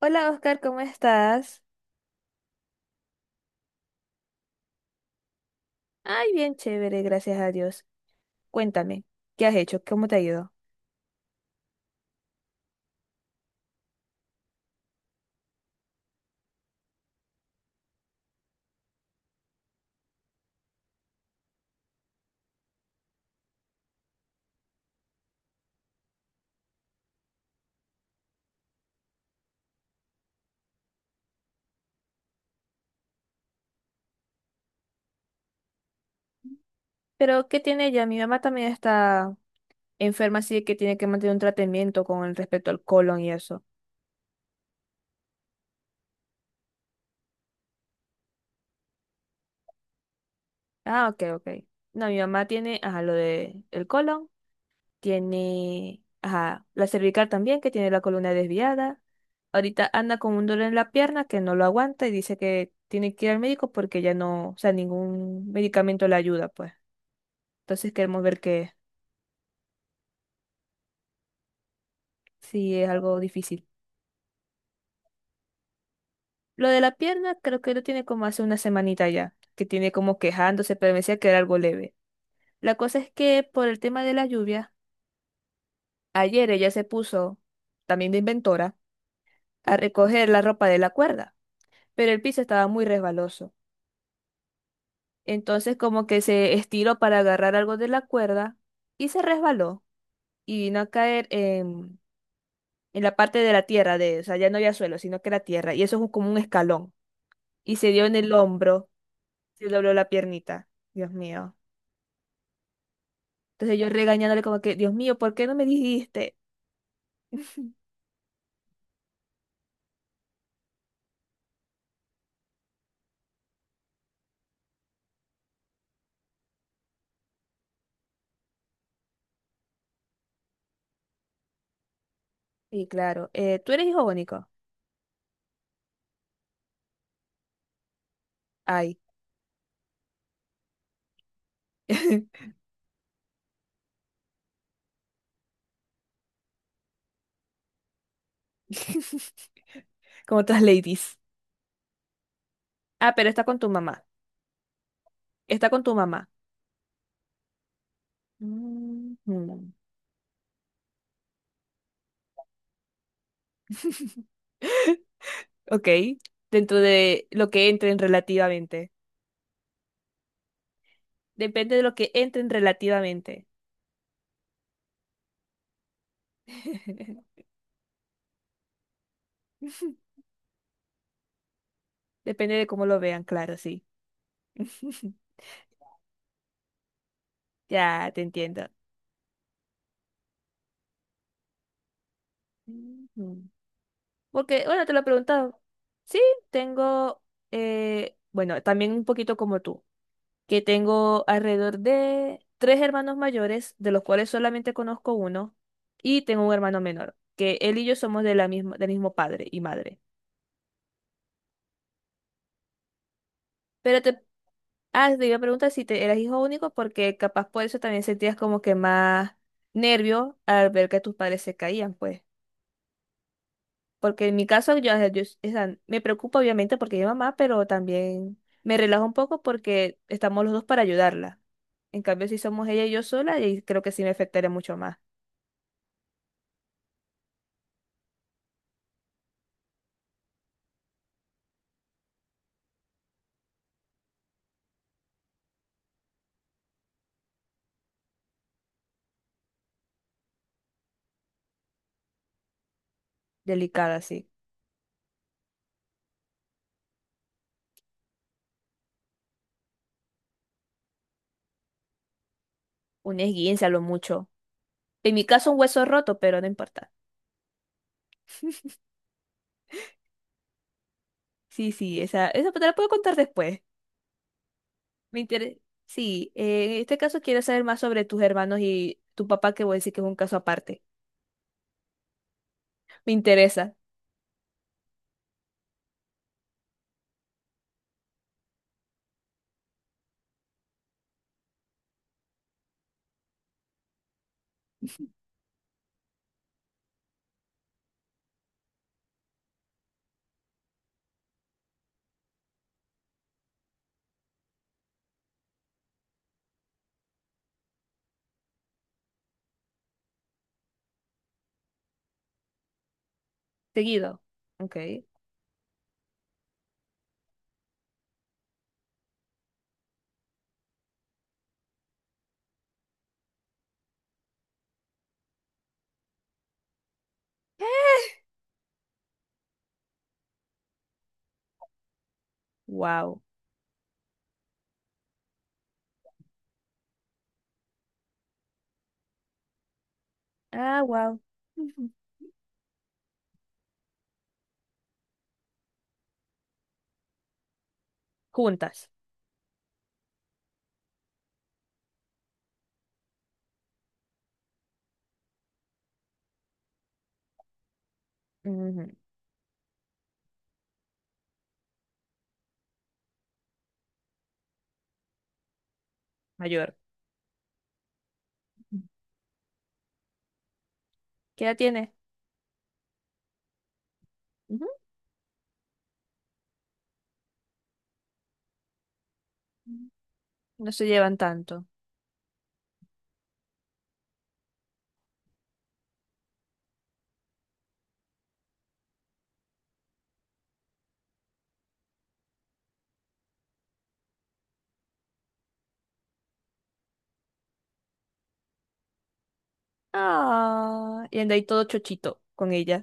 Hola Oscar, ¿cómo estás? Ay, bien chévere, gracias a Dios. Cuéntame, ¿qué has hecho? ¿Cómo te ha ido? Pero, ¿qué tiene ella? Mi mamá también está enferma, así que tiene que mantener un tratamiento con el respecto al colon y eso. Ah, ok, ok. No, mi mamá tiene, ajá, lo de el colon, tiene, ajá, la cervical también, que tiene la columna desviada. Ahorita anda con un dolor en la pierna que no lo aguanta y dice que tiene que ir al médico porque ya no, o sea, ningún medicamento le ayuda, pues. Entonces queremos ver qué es. Sí, es algo difícil. Lo de la pierna creo que lo tiene como hace una semanita ya, que tiene como quejándose, pero me decía que era algo leve. La cosa es que por el tema de la lluvia, ayer ella se puso, también de inventora, a recoger la ropa de la cuerda, pero el piso estaba muy resbaloso. Entonces como que se estiró para agarrar algo de la cuerda y se resbaló y vino a caer en la parte de la tierra, de, o sea, ya no había suelo, sino que era tierra, y eso es como un escalón, y se dio en el hombro se dobló la piernita. Dios mío. Entonces yo regañándole como que, Dios mío, ¿por qué no me dijiste? Y claro, ¿tú eres hijo único? Ay. Como otras ladies. Ah, pero está con tu mamá. Está con tu mamá. Mm, mm. Ok. Dentro de lo que entren relativamente. Depende de lo que entren relativamente. Depende de cómo lo vean, claro, sí. Ya, te entiendo. Ujú. Porque, bueno, te lo he preguntado. Sí, tengo, bueno, también un poquito como tú, que tengo alrededor de tres hermanos mayores, de los cuales solamente conozco uno, y tengo un hermano menor, que él y yo somos de la misma, del mismo padre y madre. Pero te, Te iba a preguntar si te eras hijo único, porque capaz por eso también sentías como que más nervio al ver que tus padres se caían, pues. Porque en mi caso, o sea, me preocupa obviamente porque mi mamá, pero también me relajo un poco porque estamos los dos para ayudarla. En cambio, si somos ella y yo sola, ahí creo que sí me afectaría mucho más. Delicada, sí. Un esguince a lo mucho. En mi caso, un hueso roto, pero no importa. Sí, sí, esa te la puedo contar después. Me interesa. Sí, en este caso quiero saber más sobre tus hermanos y tu papá, que voy a decir que es un caso aparte. Me interesa. Seguido. Ok. Wow. Ah, wow. Juntas. Ujú, mayor. ¿Qué edad tiene? Ujú. No se llevan tanto. Ah, y anda ahí todo chochito con ella.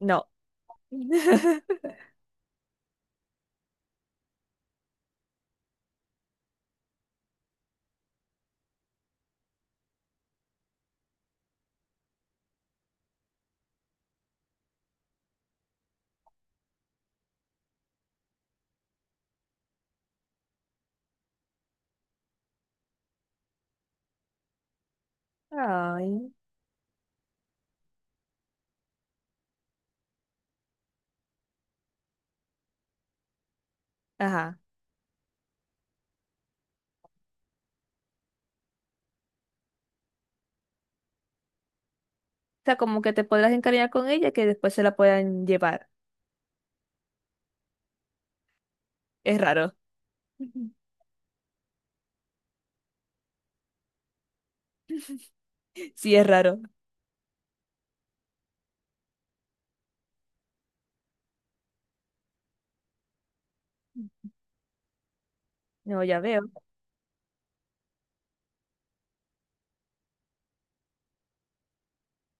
No. Ay. Ajá. O sea, como que te podrás encariñar con ella que después se la puedan llevar. Es raro. Sí, es raro. No, ya veo.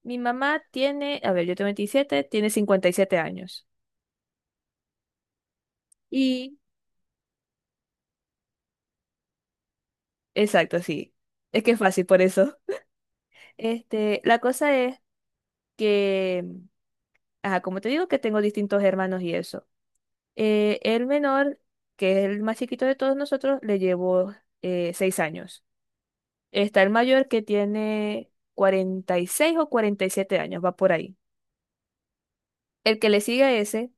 Mi mamá tiene, a ver, yo tengo 27 tiene 57 años. Y, exacto, sí. Es que es fácil por eso. Este, la cosa es que ajá, como te digo que tengo distintos hermanos y eso. El menor, que es el más chiquito de todos nosotros, le llevo 6 años. Está el mayor que tiene 46 o 47 años, va por ahí. El que le sigue a ese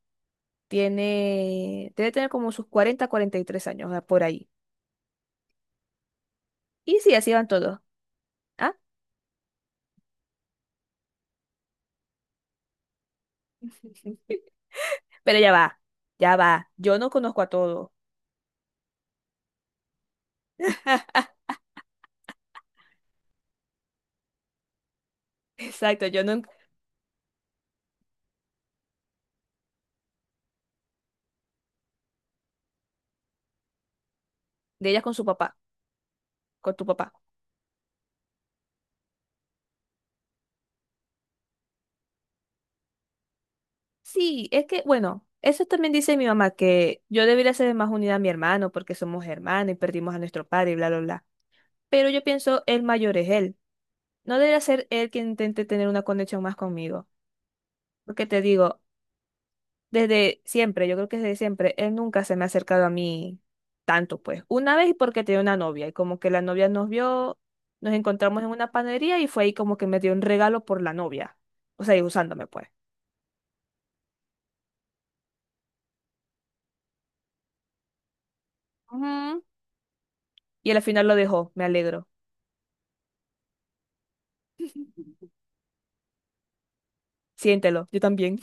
tiene, debe tener como sus 43 años, va por ahí. Y sí, así van todos. ¿Ah? Pero ya va, ya va. Yo no conozco a todos. Exacto, yo no. De ellas con su papá, con tu papá. Sí, es que, bueno, eso también dice mi mamá, que yo debería ser más unida a mi hermano porque somos hermanos y perdimos a nuestro padre y bla, bla, bla. Pero yo pienso, el mayor es él. No debería ser él quien intente tener una conexión más conmigo. Porque te digo, desde siempre, yo creo que desde siempre, él nunca se me ha acercado a mí tanto, pues. Una vez porque tenía una novia y como que la novia nos vio, nos encontramos en una panadería y fue ahí como que me dio un regalo por la novia. O sea, y usándome, pues. Ujú. Y al final lo dejó, me alegro. Siéntelo, yo también.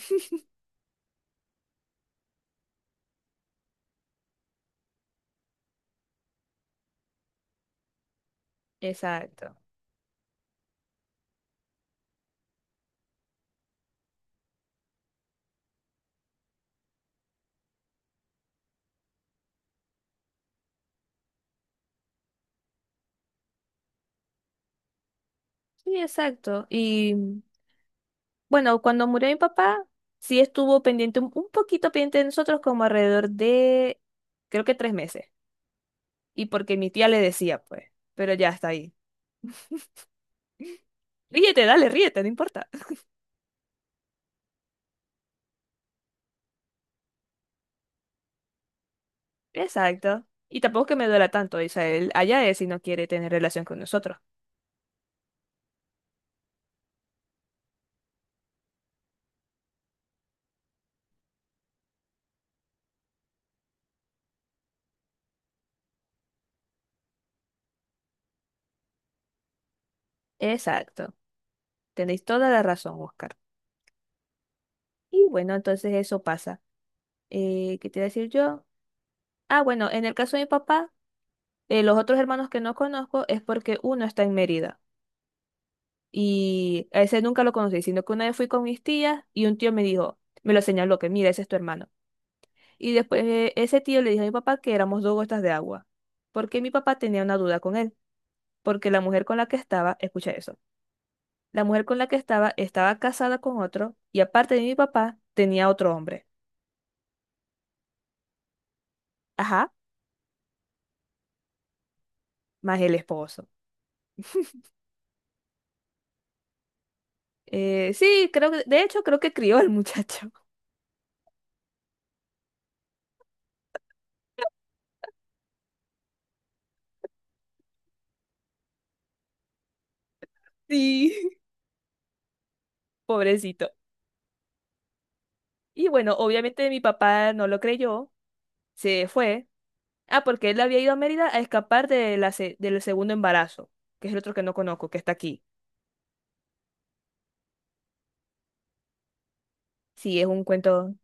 Exacto. Sí, exacto. Y bueno, cuando murió mi papá, sí estuvo pendiente, un poquito pendiente de nosotros, como alrededor de, creo que 3 meses. Y porque mi tía le decía, pues, pero ya está ahí. Ríete, dale, ríete, no importa. Exacto. Y tampoco es que me duela tanto, o sea, él allá es si no quiere tener relación con nosotros. Exacto. Tenéis toda la razón, Oscar. Y bueno, entonces eso pasa. ¿Qué te iba a decir yo? Ah, bueno, en el caso de mi papá. Los otros hermanos que no conozco es porque uno está en Mérida y a ese nunca lo conocí, sino que una vez fui con mis tías y un tío me dijo, me lo señaló, que mira, ese es tu hermano. Y después ese tío le dijo a mi papá que éramos dos gotas de agua, porque mi papá tenía una duda con él, porque la mujer con la que estaba, escucha eso, la mujer con la que estaba estaba casada con otro y aparte de mi papá tenía otro hombre, ajá, más el esposo. Sí, creo que, de hecho creo que crió al muchacho. Sí, pobrecito. Y bueno, obviamente mi papá no lo creyó, se fue. Ah, porque él había ido a Mérida a escapar de del segundo embarazo, que es el otro que no conozco, que está aquí. Sí, es un cuento.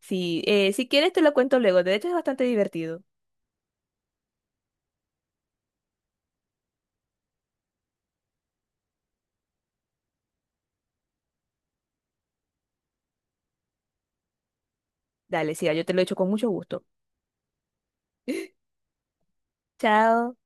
Sí, si quieres te lo cuento luego. De hecho es bastante divertido. Dale, sí, yo te lo he hecho con mucho gusto. Chao.